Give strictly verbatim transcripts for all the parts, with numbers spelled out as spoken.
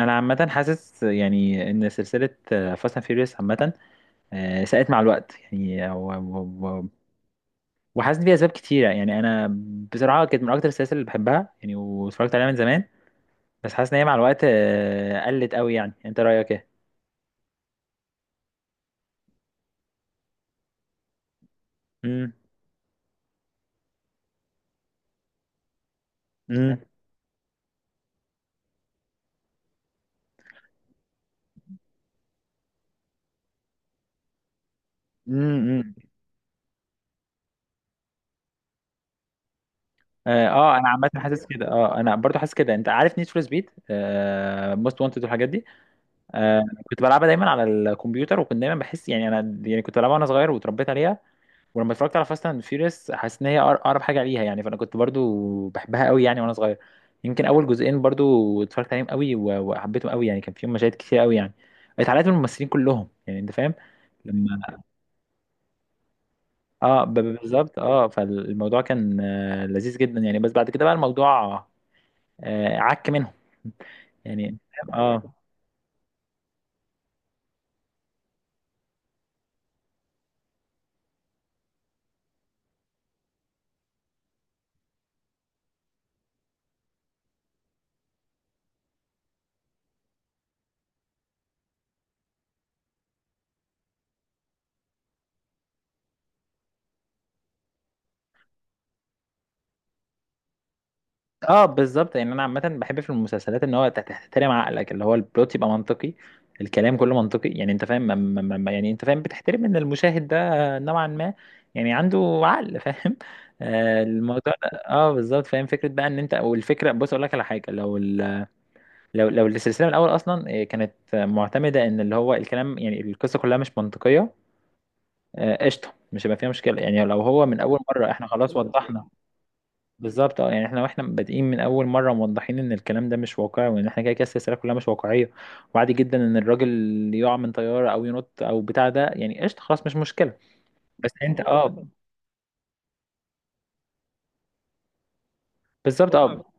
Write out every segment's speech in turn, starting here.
انا عامه حاسس يعني ان سلسله فاست اند فيوريوس عامه آه، ساءت مع الوقت يعني و- و- و- وحاسس بيها اسباب كتيره يعني انا بصراحه كانت من اكتر السلاسل اللي بحبها يعني واتفرجت عليها من زمان بس حاسس ان هي مع الوقت آه، قلت قوي يعني يعني انت رايك ايه. امم امم امم اه آه، انا عامه حاسس كده اه انا برضو حاسس كده انت عارف نيد فور سبيد موست وانتد والحاجات دي. آه، كنت بلعبها دايما على الكمبيوتر وكنت دايما بحس يعني انا يعني كنت بلعبها وانا صغير واتربيت عليها. ولما اتفرجت على فاست اند فيوريوس حاسس ان هي أقر- اقرب حاجه ليها يعني فانا كنت برضو بحبها قوي يعني وانا صغير. يمكن اول جزئين برضو اتفرجت عليهم قوي و- وحبيتهم قوي يعني كان فيهم مشاهد كتير قوي يعني اتعلقت بالممثلين كلهم يعني انت فاهم. لما اه ب- ب- بالظبط اه فالموضوع كان آه، لذيذ جدا يعني بس بعد كده بقى الموضوع آه، عك منهم يعني. اه اه بالظبط يعني انا عامه بحب في المسلسلات ان هو تحت- تحترم عقلك اللي هو البلوت يبقى منطقي. الكلام كله منطقي يعني انت فاهم ما- ما- ما- ما- يعني انت فاهم بتحترم ان المشاهد ده نوعا ما يعني عنده عقل فاهم. آه الموضوع ده اه بالظبط فاهم فكره بقى ان انت او الفكره بص اقول لك على حاجه لو ال... لو لو السلسله من الاول اصلا آه، كانت معتمده ان اللي هو الكلام يعني القصه كلها مش منطقيه. آه، قشطه مش هيبقى فيها مشكله يعني لو هو من اول مره احنا خلاص وضحنا. بالظبط اه يعني احنا واحنا بادئين من اول مره موضحين ان الكلام ده مش واقعي وان احنا كده كده السلسله كلها مش واقعيه. وعادي جدا ان الراجل يقع من طياره او ينط او بتاع ده يعني قشطه خلاص مش مشكله. بس انت اه بالظبط اه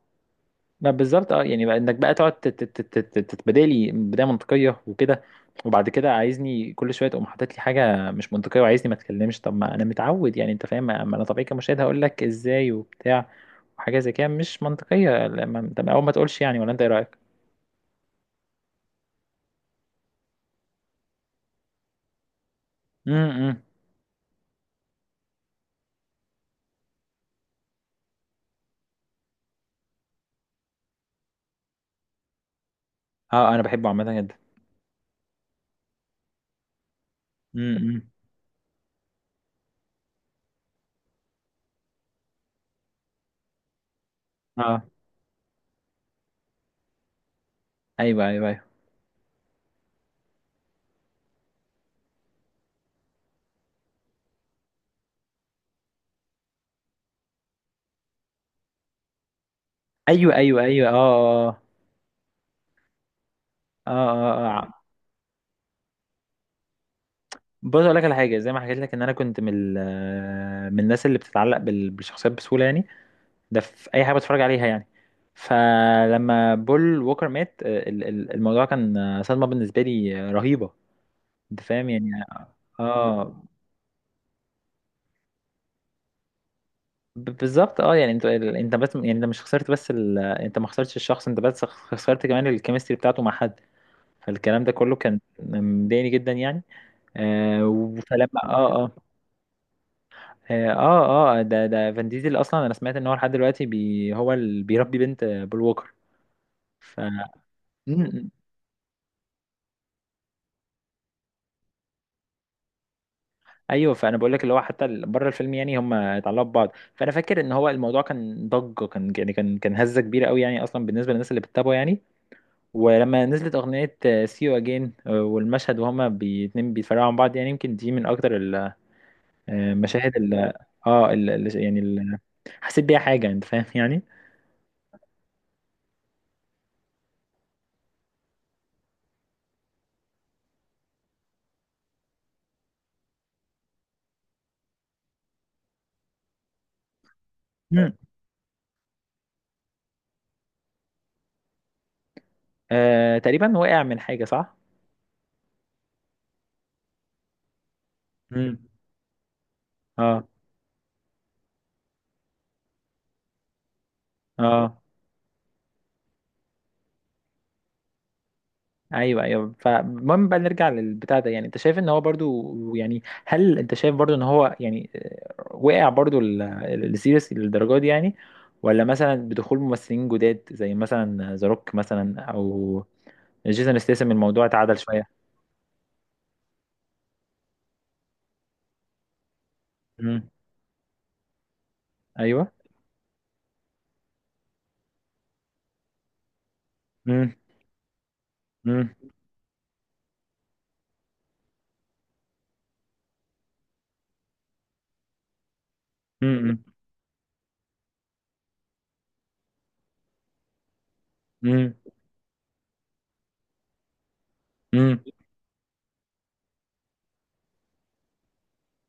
ما بالظبط اه يعني بقى انك بقى تقعد تت- تت- تت- تتبادل لي بدايه منطقيه وكده. وبعد كده عايزني كل شويه تقوم حاطط لي حاجه مش منطقيه وعايزني ما اتكلمش طب ما انا متعود يعني انت فاهم ما انا طبيعي كمشاهد هقول لك ازاي وبتاع. وحاجه زي كده مش منطقيه لما- طب اول ما تقولش يعني ولا انت ايه رايك؟ امم اه انا بحبه عامه جدا. امم اه ايوه ايوه ايوه ايوه ايوه ايوه اه اه اه اه اه آه. بص اقول لك على حاجه زي ما حكيت لك ان انا كنت من ال- من الناس اللي بتتعلق بال- بالشخصيات بسهوله يعني ده في اي حاجه بتفرج عليها يعني. فلما بول ووكر مات آه، ال- ال- الموضوع كان آه، صدمه بالنسبه لي آه، رهيبه. انت فاهم يعني اه ب- بالظبط اه يعني انت انت بس يعني انت مش خسرت بس ال... انت ما خسرتش الشخص انت بس خسرت كمان الكيمستري بتاعته مع حد. فالكلام ده كله كان مضايقني جدا يعني آه فلما اه اه اه اه آه، ده ده فان ديزل اصلا انا سمعت ان هو لحد دلوقتي بي هو اللي بيربي بنت آه، بول ووكر ف. مم. ايوه فانا بقول لك اللي هو حتى ال- بره الفيلم يعني هم اتعلقوا ببعض فانا فاكر ان هو الموضوع كان ضجه كان يعني كان كان هزه كبيره قوي يعني اصلا بالنسبه للناس اللي بتتابعه يعني. ولما نزلت اغنيه سي يو اجين والمشهد وهما بي- اتنين بيتفرقوا عن بعض يعني يمكن دي من اكتر ال- آه، المشاهد ال- اه ال- ال- يعني حسيت بيها حاجة انت فاهم يعني. مم. آه تقريبا وقع من حاجة صح. مم. اه اه ايوه ايوه فالمهم بقى نرجع للبتاع ده يعني انت شايف ان هو برضو يعني هل انت شايف برضو ان هو يعني آه، وقع برضو ال- ال- السيريس للدرجة دي يعني. ولا مثلا بدخول ممثلين جداد زي مثلا ذا روك مثلا او جيسون ستاثام الموضوع اتعدل شوية. مم. ايوه مم. مم. مم. مم. مم.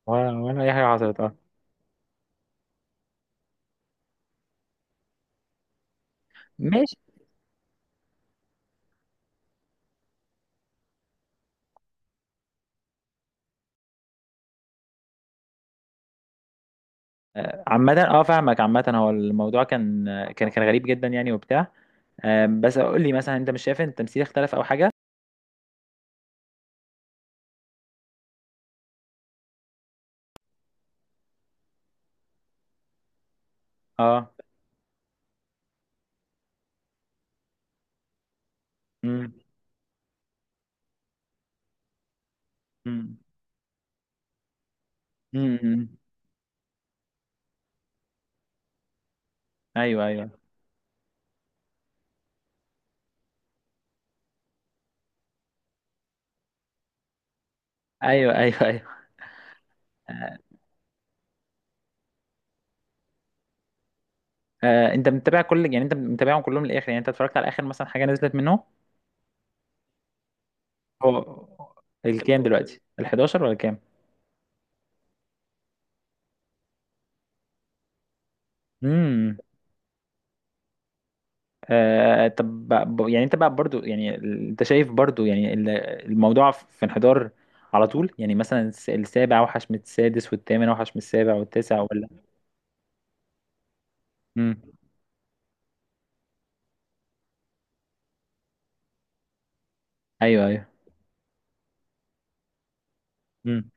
ولا ولا اي حاجة حصلت اه ماشي. عامة اه فاهمك عامة هو الموضوع كان كان كان غريب جدا يعني وبتاع. آم، بس قول لي مثلا انت مش شايف ان التمثيل اختلف او حاجة؟ اه امم امم امم ايوه ايوه ايوه ايوه ايوه آه، آه، انت متابع كل يعني انت متابعهم كلهم للاخر يعني انت اتفرجت على اخر مثلا حاجة نزلت منه. هو الكام دلوقتي؟ ال الحداشر ولا كام؟ امم آه طب ب- ب- يعني انت بقى برضو يعني ال- انت شايف برضو يعني ال- الموضوع في انحدار على طول يعني مثلا الس- السابع اوحش من السادس والثامن اوحش من السابع والتاسع ولا. امم ايوه ايوه امم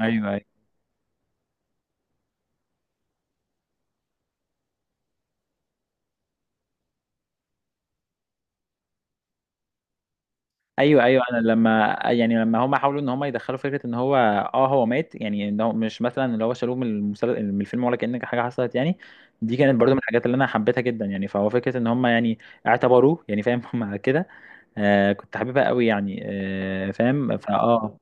ايوه ايوه ايوه ايوه انا لما يعني لما هم حاولوا ان هم يدخلوا فكره ان هو اه هو مات يعني ان هو مش مثلا اللي هو شالوه من المسل... من الفيلم ولا كأن حاجه حصلت يعني. دي كانت برضو من الحاجات اللي انا حبيتها جدا يعني فهو فكره ان هم يعني اعتبروه يعني فاهم هم كده آه كنت حاببها قوي يعني آه فاهم فاه اه.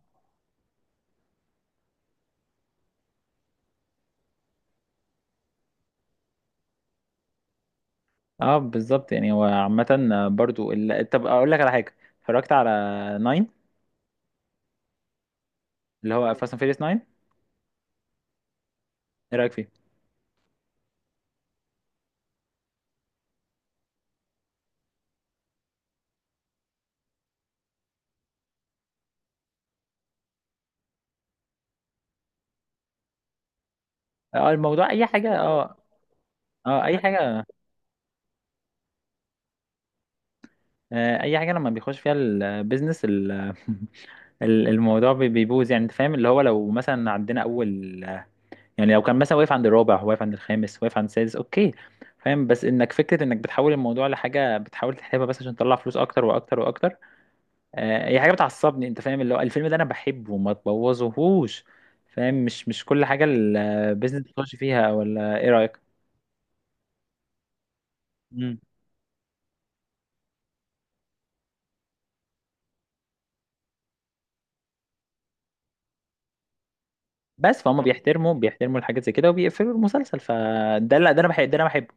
اه بالظبط يعني هو عامة آه، برضو ال... طب اقول لك على حاجة اتفرجت على ناين اللي هو فاست اند فيريس ناين. ايه رأيك فيه؟ اه الموضوع اي حاجة اه اه اي حاجة آه اي حاجة لما بيخش فيها البيزنس ال... ال- الموضوع بي- بيبوظ يعني انت فاهم اللي هو لو مثلا عندنا اول يعني لو كان مثلا واقف عند الرابع واقف عند الخامس واقف عند السادس اوكي. فاهم بس انك فكرة انك بتحول الموضوع لحاجة بتحاول تحلبها بس عشان تطلع فلوس اكتر واكتر واكتر. آه، هي حاجه بتعصبني انت فاهم اللي هو الفيلم ده انا بحبه وما تبوظهوش. فاهم مش مش كل حاجه البيزنس بتخش فيها ولا ايه رايك. مم. بس فهم بيحترموا بيحترموا الحاجات زي كده وبيقفلوا المسلسل فده لا ده انا بحب ده انا بحبه.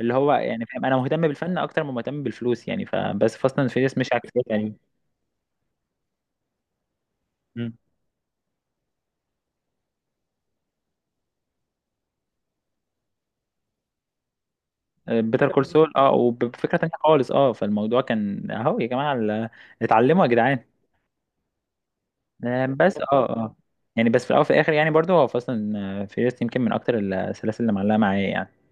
اللي هو يعني فاهم انا مهتم بالفن اكتر ما مهتم بالفلوس يعني فبس فاست اند فيريس مش عكس كده يعني. بيتر كول سول اه وبفكره تانيه خالص اه فالموضوع كان اهو يا جماعه ال- اتعلموا يا جدعان. آه، بس اه اه يعني بس في الاول وفي الاخر يعني برضو هو اصلا فيرست يمكن من اكتر السلاسل اللي معلقه معايا يعني.